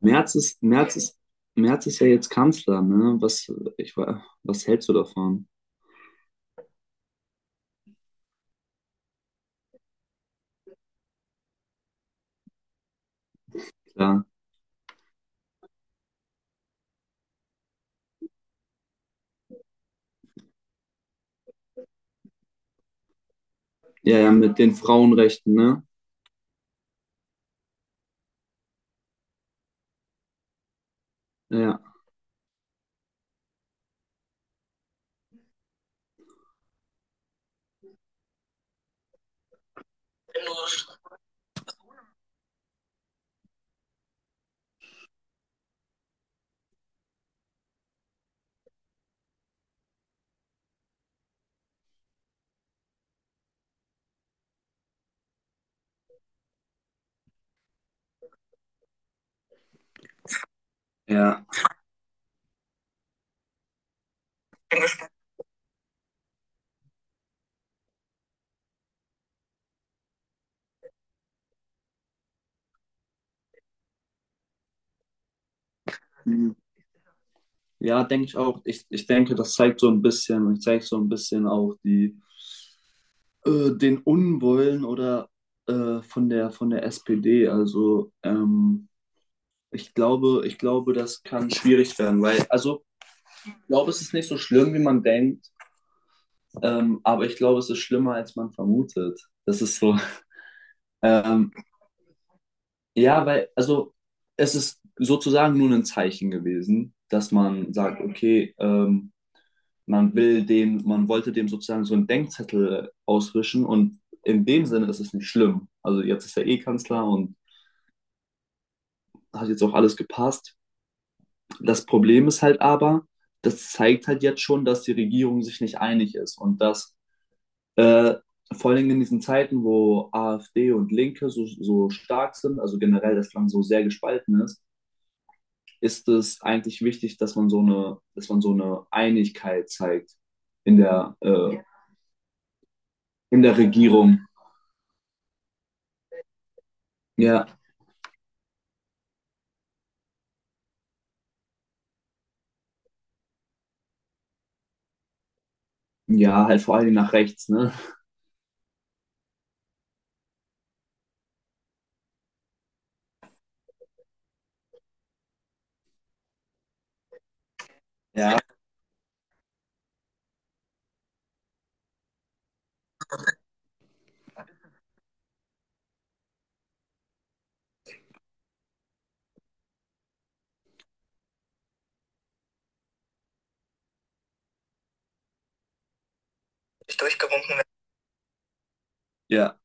Merz ist, Merz ist, Merz ist ja jetzt Kanzler, ne? Was, was hältst du davon? Klar. Ja, ja, mit den Frauenrechten, ne? Ja. Ja. Hm. Ja, denke ich auch. Ich denke, das zeigt so ein bisschen und zeigt so ein bisschen auch die, den Unwollen oder von der SPD. Also ich glaube, das kann schwierig werden, weil, also ich glaube, es ist nicht so schlimm, wie man denkt, aber ich glaube, es ist schlimmer, als man vermutet. Das ist so. Ähm, Ja, weil, also es ist sozusagen nur ein Zeichen gewesen, dass man sagt, okay, man wollte dem sozusagen so einen Denkzettel auswischen, und in dem Sinne ist es nicht schlimm. Also jetzt ist er eh Kanzler und hat jetzt auch alles gepasst. Das Problem ist halt aber, das zeigt halt jetzt schon, dass die Regierung sich nicht einig ist und dass äh, vor allem in diesen Zeiten, wo AfD und Linke so stark sind, also generell das Land so sehr gespalten ist, ist es eigentlich wichtig, dass man so eine, Einigkeit zeigt in der, Regierung. Ja, ja, halt vor allem nach rechts, ne? Ja, durchgewunken werden. Ja.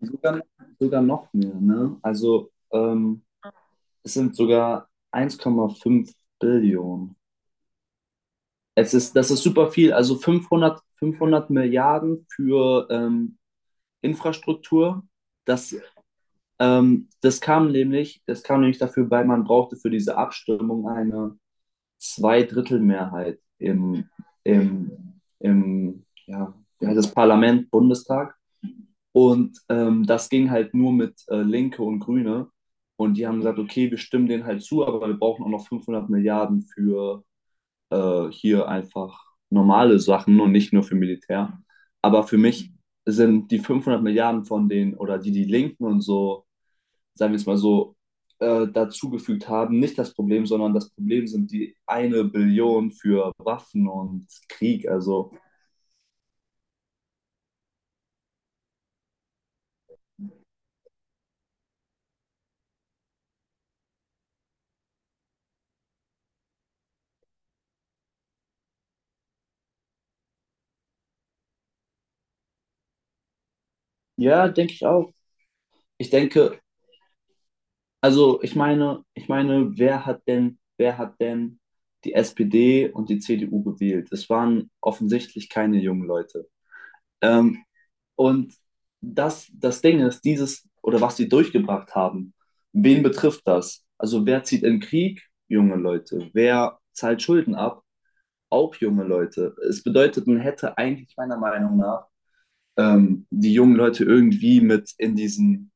Sogar, sogar noch mehr, ne? Also es sind sogar 1,5 Billionen. Das ist super viel. Also 500 Milliarden für Infrastruktur. Das das kam nämlich dafür, weil man brauchte für diese Abstimmung eine Zweidrittelmehrheit im ja, wie heißt das Parlament, Bundestag. Und das ging halt nur mit Linke und Grüne. Und die haben gesagt, okay, wir stimmen denen halt zu, aber wir brauchen auch noch 500 Milliarden für hier einfach normale Sachen und nicht nur für Militär. Aber für mich sind die 500 Milliarden von denen oder die Linken und so, sagen wir es mal so, dazugefügt haben, nicht das Problem, sondern das Problem sind die eine Billion für Waffen und Krieg. Also, ja, denke ich auch. Ich denke, also ich meine, wer hat denn die SPD und die CDU gewählt? Es waren offensichtlich keine jungen Leute. Ähm, und das Ding ist, dieses oder was sie durchgebracht haben, wen betrifft das? Also wer zieht in Krieg junge Leute? Wer zahlt Schulden ab? Auch junge Leute. Es bedeutet, man hätte eigentlich meiner Meinung nach die jungen Leute irgendwie mit in diesen,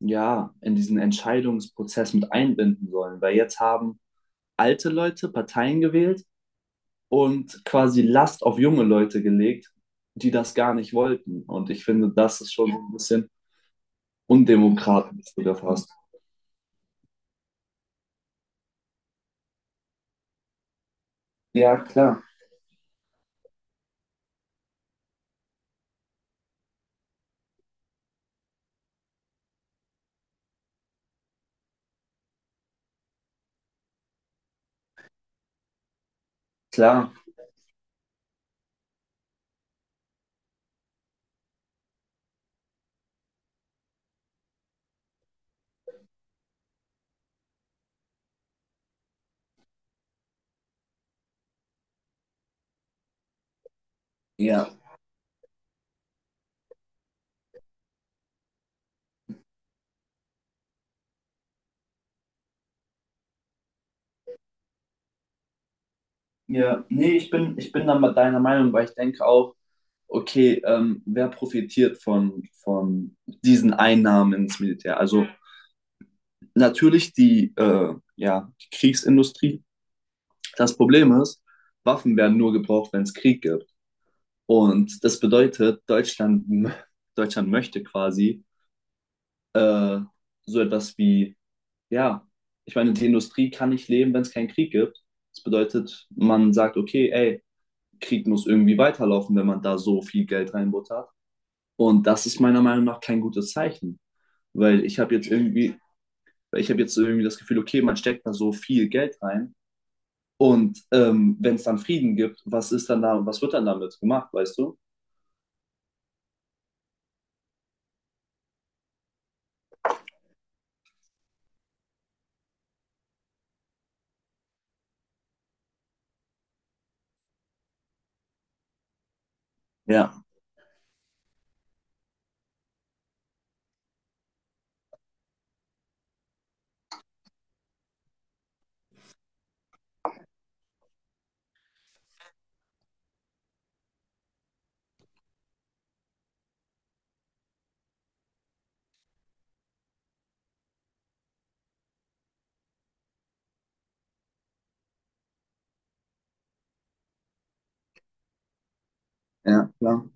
Entscheidungsprozess mit einbinden sollen. Weil jetzt haben alte Leute Parteien gewählt und quasi Last auf junge Leute gelegt, die das gar nicht wollten. Und ich finde, das ist schon ein bisschen undemokratisch, sogar fast. Ja, klar, klar. Ja. Ja, nee, ich bin, da mal deiner Meinung, weil ich denke auch, okay, wer profitiert von diesen Einnahmen ins Militär? Also natürlich die Kriegsindustrie. Das Problem ist, Waffen werden nur gebraucht, wenn es Krieg gibt. Und das bedeutet, Deutschland, Deutschland möchte quasi äh, so etwas wie, ja, ich meine, die Industrie kann nicht leben, wenn es keinen Krieg gibt. Das bedeutet, man sagt, okay, ey, Krieg muss irgendwie weiterlaufen, wenn man da so viel Geld reinbuttert. Und das ist meiner Meinung nach kein gutes Zeichen, weil ich habe jetzt irgendwie das Gefühl, okay, man steckt da so viel Geld rein, und wenn es dann Frieden gibt, was ist dann da, was wird dann damit gemacht, weißt du? Ja. Ja, klar.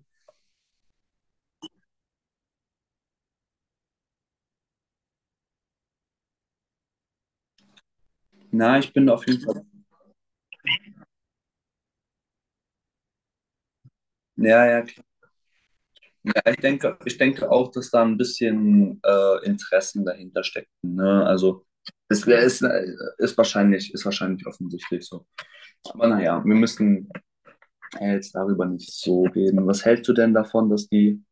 Na, ich bin auf jeden Fall. Ja, ja, ja, ich denke auch, dass da ein bisschen Interessen dahinter steckten. Ne? Also es wär- ist, ist wahrscheinlich offensichtlich so. Aber naja, wir müssen, ja, jetzt darüber nicht so reden. Was hältst du denn davon, dass die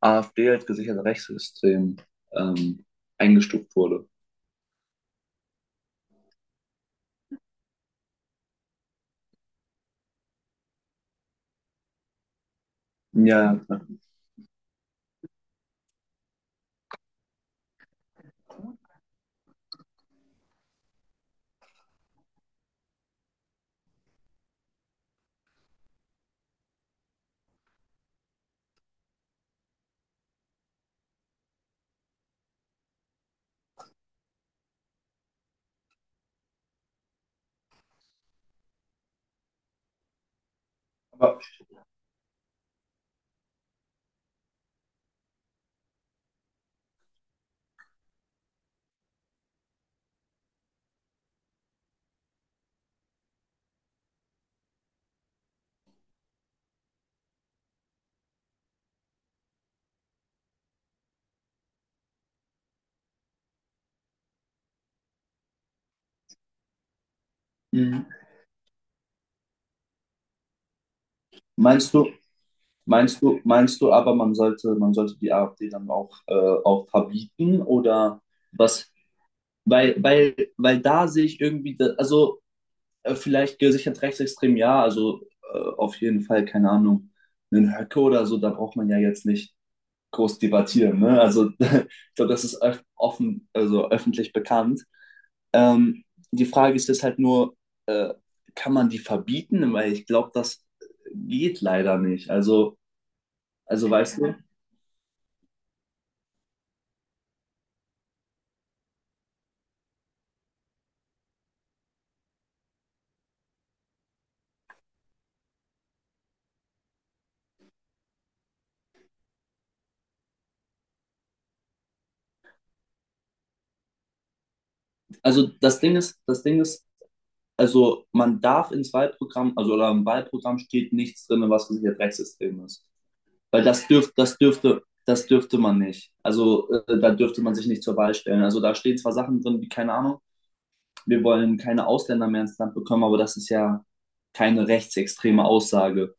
AfD als gesichertes Rechtssystem ähm, eingestuft wurde? Ja, ja. aber mh, meinst du, meinst du, meinst du aber, man sollte die AfD dann auch, auch verbieten oder was? Weil, weil da sehe ich irgendwie, vielleicht gesichert rechtsextrem, ja, also, auf jeden Fall, keine Ahnung, einen Höcke oder so, da braucht man ja jetzt nicht groß debattieren. Ne? Also ich glaube, das ist öf offen, also öffentlich bekannt. Ähm, Die Frage ist jetzt halt nur, äh, kann man die verbieten? Weil ich glaube, das geht leider nicht. Also, also weißt du, also das Ding ist, das Ding ist, also man darf ins Wahlprogramm, also oder im Wahlprogramm steht nichts drin, was gesichert rechtsextrem ist. Weil das dürfte man nicht. Also da dürfte man sich nicht zur Wahl stellen. Also da stehen zwar Sachen drin, wie keine Ahnung, wir wollen keine Ausländer mehr ins Land bekommen, aber das ist ja keine rechtsextreme Aussage.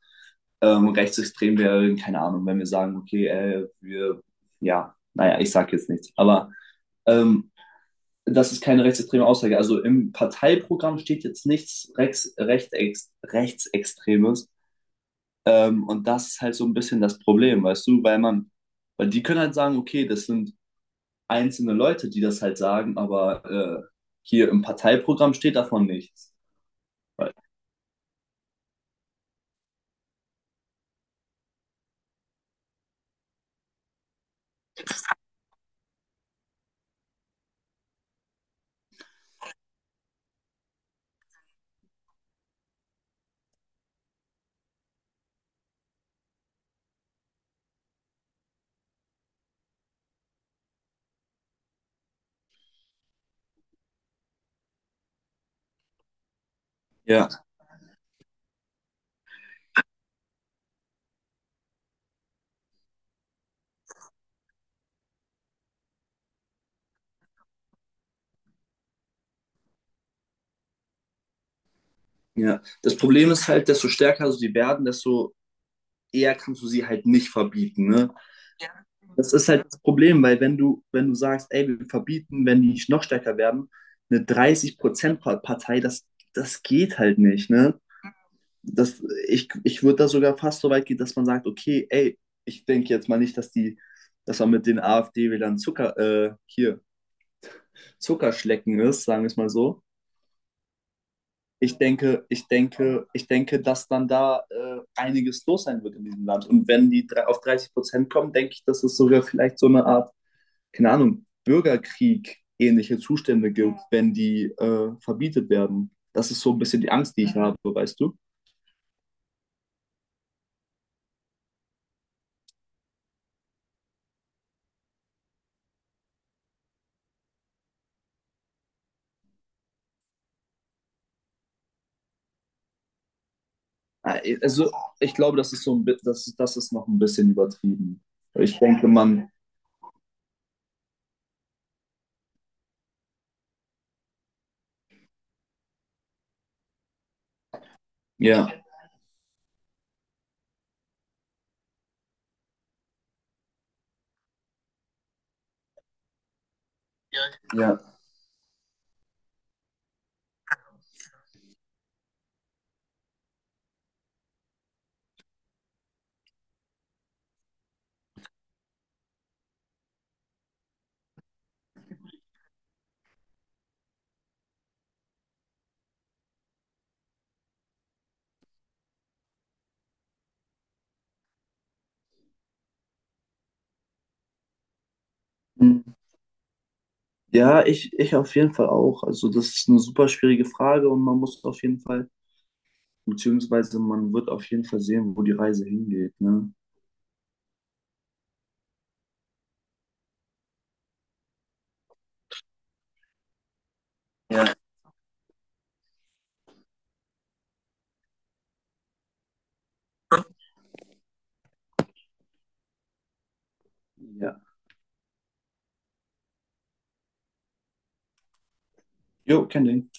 Rechtsextrem wäre, keine Ahnung, wenn wir sagen, okay, ja, naja, ich sage jetzt nichts, aber ähm, das ist keine rechtsextreme Aussage. Also im Parteiprogramm steht jetzt nichts Rechtsextremes, und das ist halt so ein bisschen das Problem, weißt du, weil weil die können halt sagen, okay, das sind einzelne Leute, die das halt sagen, aber hier im Parteiprogramm steht davon nichts. Ja, ja. Das Problem ist halt, desto stärker so die werden, desto eher kannst du sie halt nicht verbieten, ne? Das ist halt das Problem, weil wenn du sagst, ey, wir verbieten, wenn die nicht noch stärker werden, eine 30%-Partei, das geht halt nicht, ne? Das, ich würde da sogar fast so weit gehen, dass man sagt, okay, ey, ich denke jetzt mal nicht, dass man mit den AfD-Wählern Zuckerschlecken ist, sagen wir es mal so. Ich denke, dass dann da einiges los sein wird in diesem Land. Und wenn auf 30% kommen, denke ich, dass es sogar vielleicht so eine Art, keine Ahnung, Bürgerkrieg ähnliche Zustände gibt, wenn die verbietet werden. Das ist so ein bisschen die Angst, die ich habe, weißt du? Also ich glaube, das ist so ein, das ist noch ein bisschen übertrieben. Ich denke, ja, ja. Ja, ich auf jeden Fall auch. Also das ist eine super schwierige Frage, und man muss auf jeden Fall. Beziehungsweise, man wird auf jeden Fall sehen, wo die Reise hingeht, ne? Ja. Ja. Jo, kenn den.